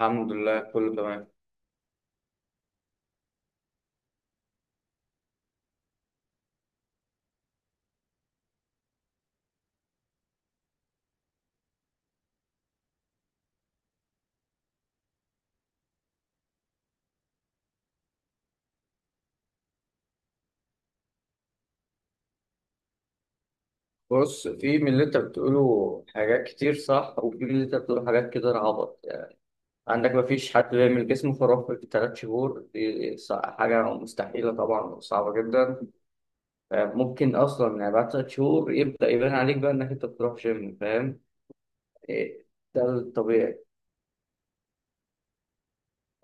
الحمد لله، كله تمام. بص، في من اللي انت بتقوله حاجات كتير صح، وفي من اللي انت بتقوله حاجات كتير عبط يعني. عندك مفيش حد بيعمل جسمه خرافي في 3 شهور دي، حاجة مستحيلة طبعا وصعبة جدا. ممكن أصلا يعني بعد 3 شهور يبدأ يبان عليك بقى إنك أنت بتروح جيم، فاهم؟ إيه، ده الطبيعي.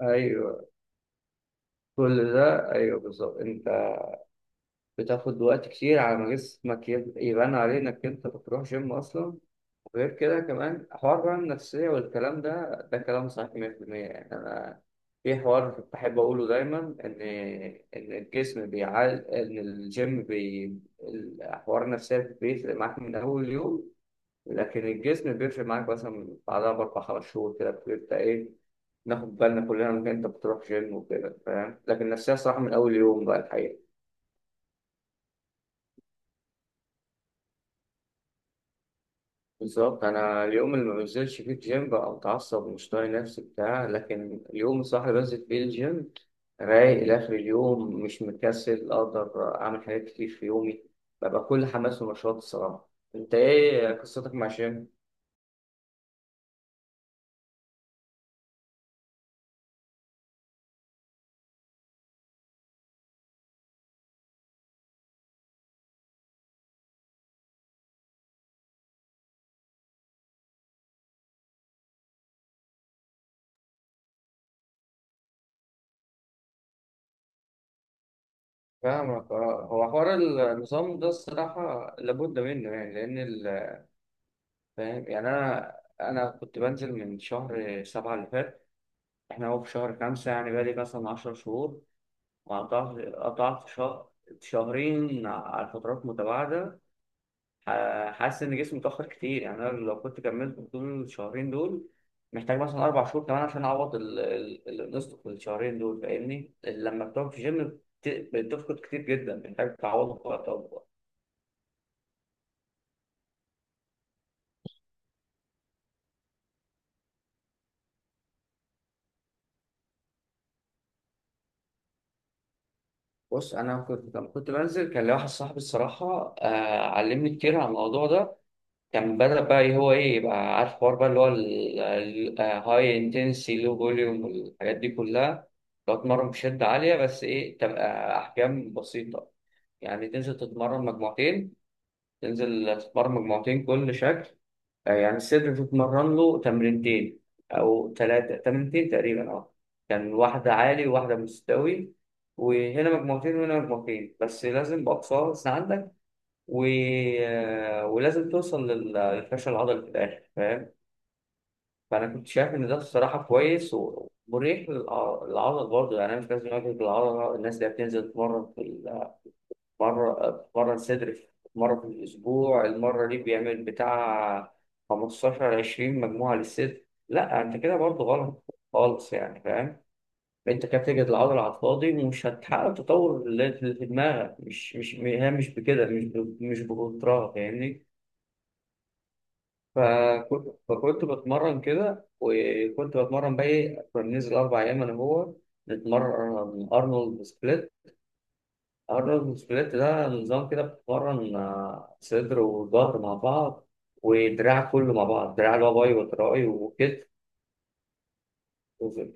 أيوه، كل ده أيوه بالظبط. أنت بتاخد وقت كتير على ما جسمك يبان عليه إنك أنت بتروح جيم أصلا. غير كده كمان حوار بقى النفسية، والكلام ده كلام صحيح 100%، يعني أنا في حوار بحب أقوله دايما، إن إن الجسم بيعال، إن الجيم الحوار النفسية بيفرق معاك من أول يوم، لكن الجسم بيفرق معاك مثلا بعدها بأربع خمس شهور كده، بتبقى إيه، ناخد بالنا كلنا إنك أنت بتروح جيم وكده، فاهم؟ لكن النفسية صراحة من أول يوم بقى الحقيقة. بالظبط، انا اليوم اللي ما بنزلش فيه الجيم بقى متعصب ومش طايق نفسي بتاع، لكن اليوم الصح اللي بنزل فيه الجيم رايق لاخر اليوم، مش مكسل، اقدر اعمل حاجات كتير في يومي، ببقى كل حماس ونشاط الصراحه. انت ايه قصتك مع الجيم؟ فاهمك. اه، هو حوار النظام ده الصراحه لابد منه، يعني لان فاهم. يعني انا كنت بنزل من شهر 7 اللي فات، احنا هو في شهر 5، يعني بقالي مثلا 10 شهور، وقطعت شهر شهرين على فترات متباعدة. حاسس إن جسمي اتأخر كتير، يعني أنا لو كنت كملت طول الشهرين دول، محتاج مثلا 4 شهور كمان عشان أعوض اللي نقصته في الشهرين دول، فاهمني؟ لما بتقعد في جيم بتفقد كتير جدا، محتاج تعوضه في وقت أكبر. بص، أنا كنت لما كنت بنزل كان لي واحد صاحبي الصراحة، علمني كتير عن الموضوع ده. كان بدأ بقى هو إيه، يبقى عارف حوار بقى اللي هو الهاي انتنسي لو فوليوم والحاجات دي كلها. لو تتمرن بشدة عالية بس إيه تبقى أحجام بسيطة، يعني تنزل تتمرن مجموعتين، تنزل تتمرن مجموعتين كل شكل. يعني الصدر تتمرن له تمرينتين، أو ثلاثة، تمرينتين تقريبا أه، كان واحدة عالي وواحدة مستوي، وهنا مجموعتين وهنا مجموعتين، بس لازم بأقصى وزن عندك. و... ولازم توصل للفشل العضلي في الاخر، فاهم؟ فانا كنت شايف ان ده الصراحه كويس ومريح للعضل برضه، يعني انا مش لازم اجهد العضله. الناس اللي بتنزل تتمرن في مره، تتمرن صدر مره في الاسبوع، المره دي بيعمل بتاع 15 20 مجموعه للصدر، لا، انت كده برضه غلط خالص، يعني فاهم؟ انت كده بتجهد العضله على الفاضي، ومش هتحقق التطور اللي في دماغك، مش هي مش بكده، مش بكترها، فاهمني؟ فكنت بتمرن كده، وكنت بتمرن بقى ايه، كنا بننزل 4 أيام أنا وهو نتمرن أرنولد سبليت. أرنولد سبليت ده نظام كده بتتمرن صدر وظهر مع بعض، ودراع كله مع بعض، دراع اللي هو باي وتراي وكتف. وزد،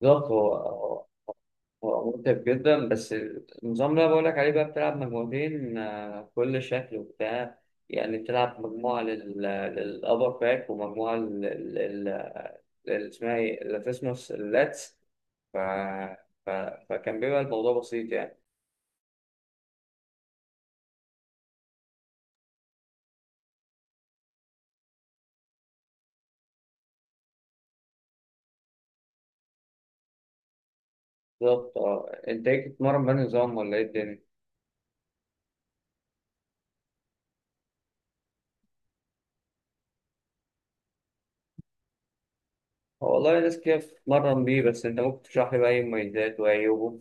بالظبط. هو متعب جدا، بس النظام اللي أنا بقول لك عليه بقى بتلعب مجموعتين كل شكل وبتاع. يعني بتلعب مجموعة للأبر باك، ومجموعة اللي اسمها ايه لاتسموس، اللاتس. ف... ف... فكان بيبقى الموضوع بسيط يعني. بالظبط. اه، انت ايه بتتمرن بأنهي نظام ولا ايه الدنيا؟ هو والله ناس كتير بتتمرن بيه، بس انت ممكن تشرح لي بقى ايه مميزات وعيوبه؟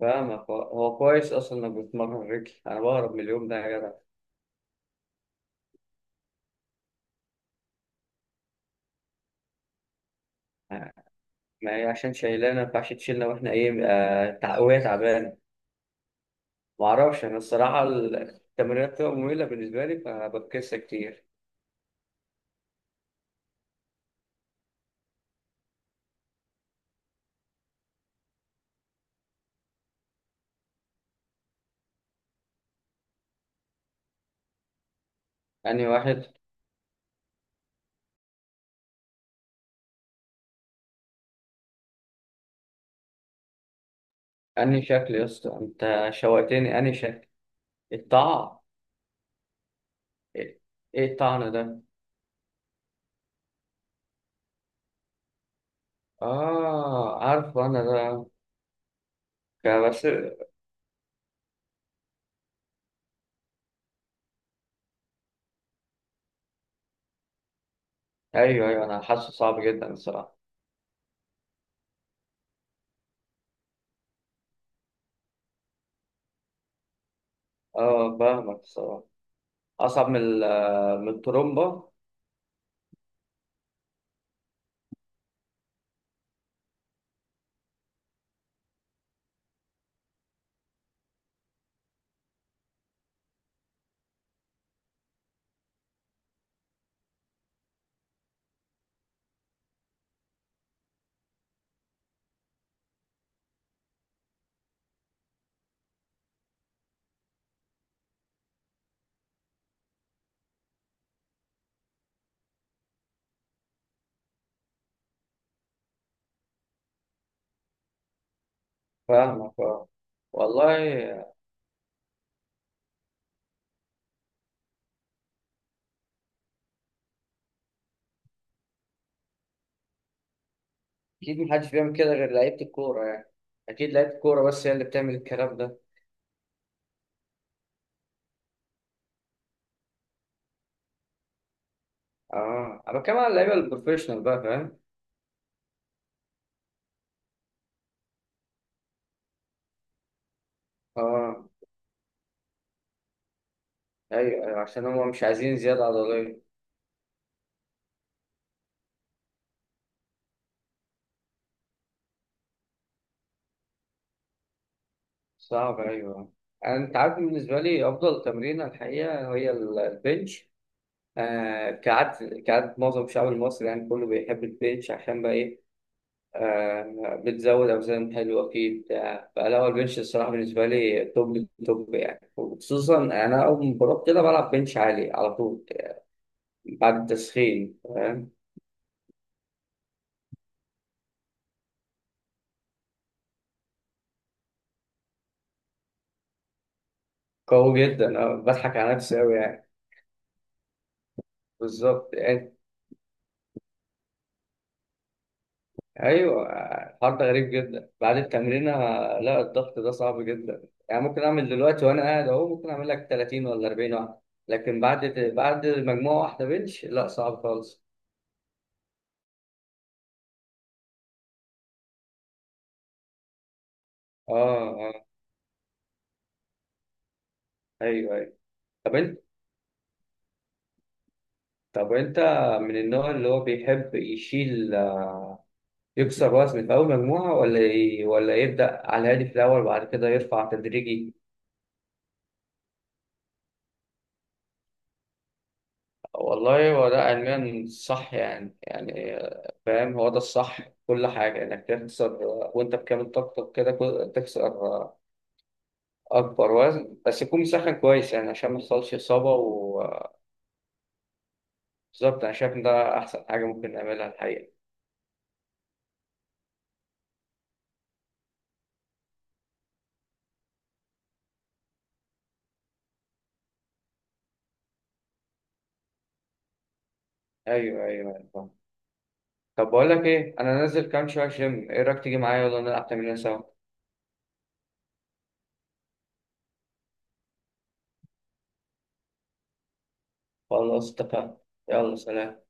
فاهمك. هو كويس اصلا انك بتتمرن رجل، انا بهرب من اليوم ده يا جدع. آه، ما هي عشان شايلانا، ما ينفعش تشيلنا واحنا ايه، وهي تعبانه. ما اعرفش، انا الصراحه التمرينات بتبقى ممله بالنسبه لي فبفكسها كتير. انهي واحد؟ انهي شكل يا اسطى؟ انت شوقتني، انهي شكل؟ الطاعة. ايه؟ إيه الطعنة ده؟ اه، عارفه انا ده. بس، ايوه، ايوه، انا حاسه صعب جدا الصراحة. اه، فاهمك الصراحة. اصعب من من الترومبا. فاهمك. اه، والله اكيد محدش بيعمل كده غير لعيبة الكورة يعني. اكيد لعيبة الكورة بس هي اللي بتعمل الكلام ده. اه، انا بتكلم على اللعيبة البروفيشنال بقى، فاهم؟ اه، ايوه، ايوه، عشان هم مش عايزين زيادة عضلية. صعب، ايوه. انت عارف، بالنسبه لي افضل تمرين الحقيقه هي البنش. آه، كعادة كعادة معظم الشعب المصري، يعني كله بيحب البيتش عشان بقى إيه، آه، بتزود أوزان حلوة فيه بتاع، فلا هو البنش الصراحة بالنسبة لي توب توب يعني، وخصوصا أنا أول ما بروح كده بلعب بنش عالي على طول بعد التسخين، فاهم؟ قوي جدا، أنا بضحك على نفسي أوي يعني. بالظبط، ايوه. الحوار ده غريب جدا بعد التمرين، لا الضغط ده صعب جدا يعني، ممكن اعمل دلوقتي وانا قاعد اهو ممكن اعمل لك 30 ولا 40 واحده، لكن بعد مجموعه واحده بنش لا، صعب خالص. اه، اه، ايوه، ايوه. طب انت طب انت من النوع اللي هو بيحب يشيل، يكسر وزن في اول مجموعه، ولا ولا يبدا على الهادي في الاول وبعد كده يرفع تدريجي؟ والله هو ده علميا صح يعني، فاهم، هو ده الصح في كل حاجة، إنك تخسر وأنت بكامل طاقتك كده، تخسر أكبر وزن، بس يكون مسخن كويس يعني عشان ما يحصلش إصابة. وبالظبط، أنا شايف إن ده أحسن حاجة ممكن نعملها الحقيقة. أيوه، أيوه، أيوه، فاهم. طب بقول لك إيه، أنا نازل كام شوية جيم، إيه رأيك تيجي معايا ولا نلعب تمرين سوا؟ خلاص، اتفقنا. يلا، سلام.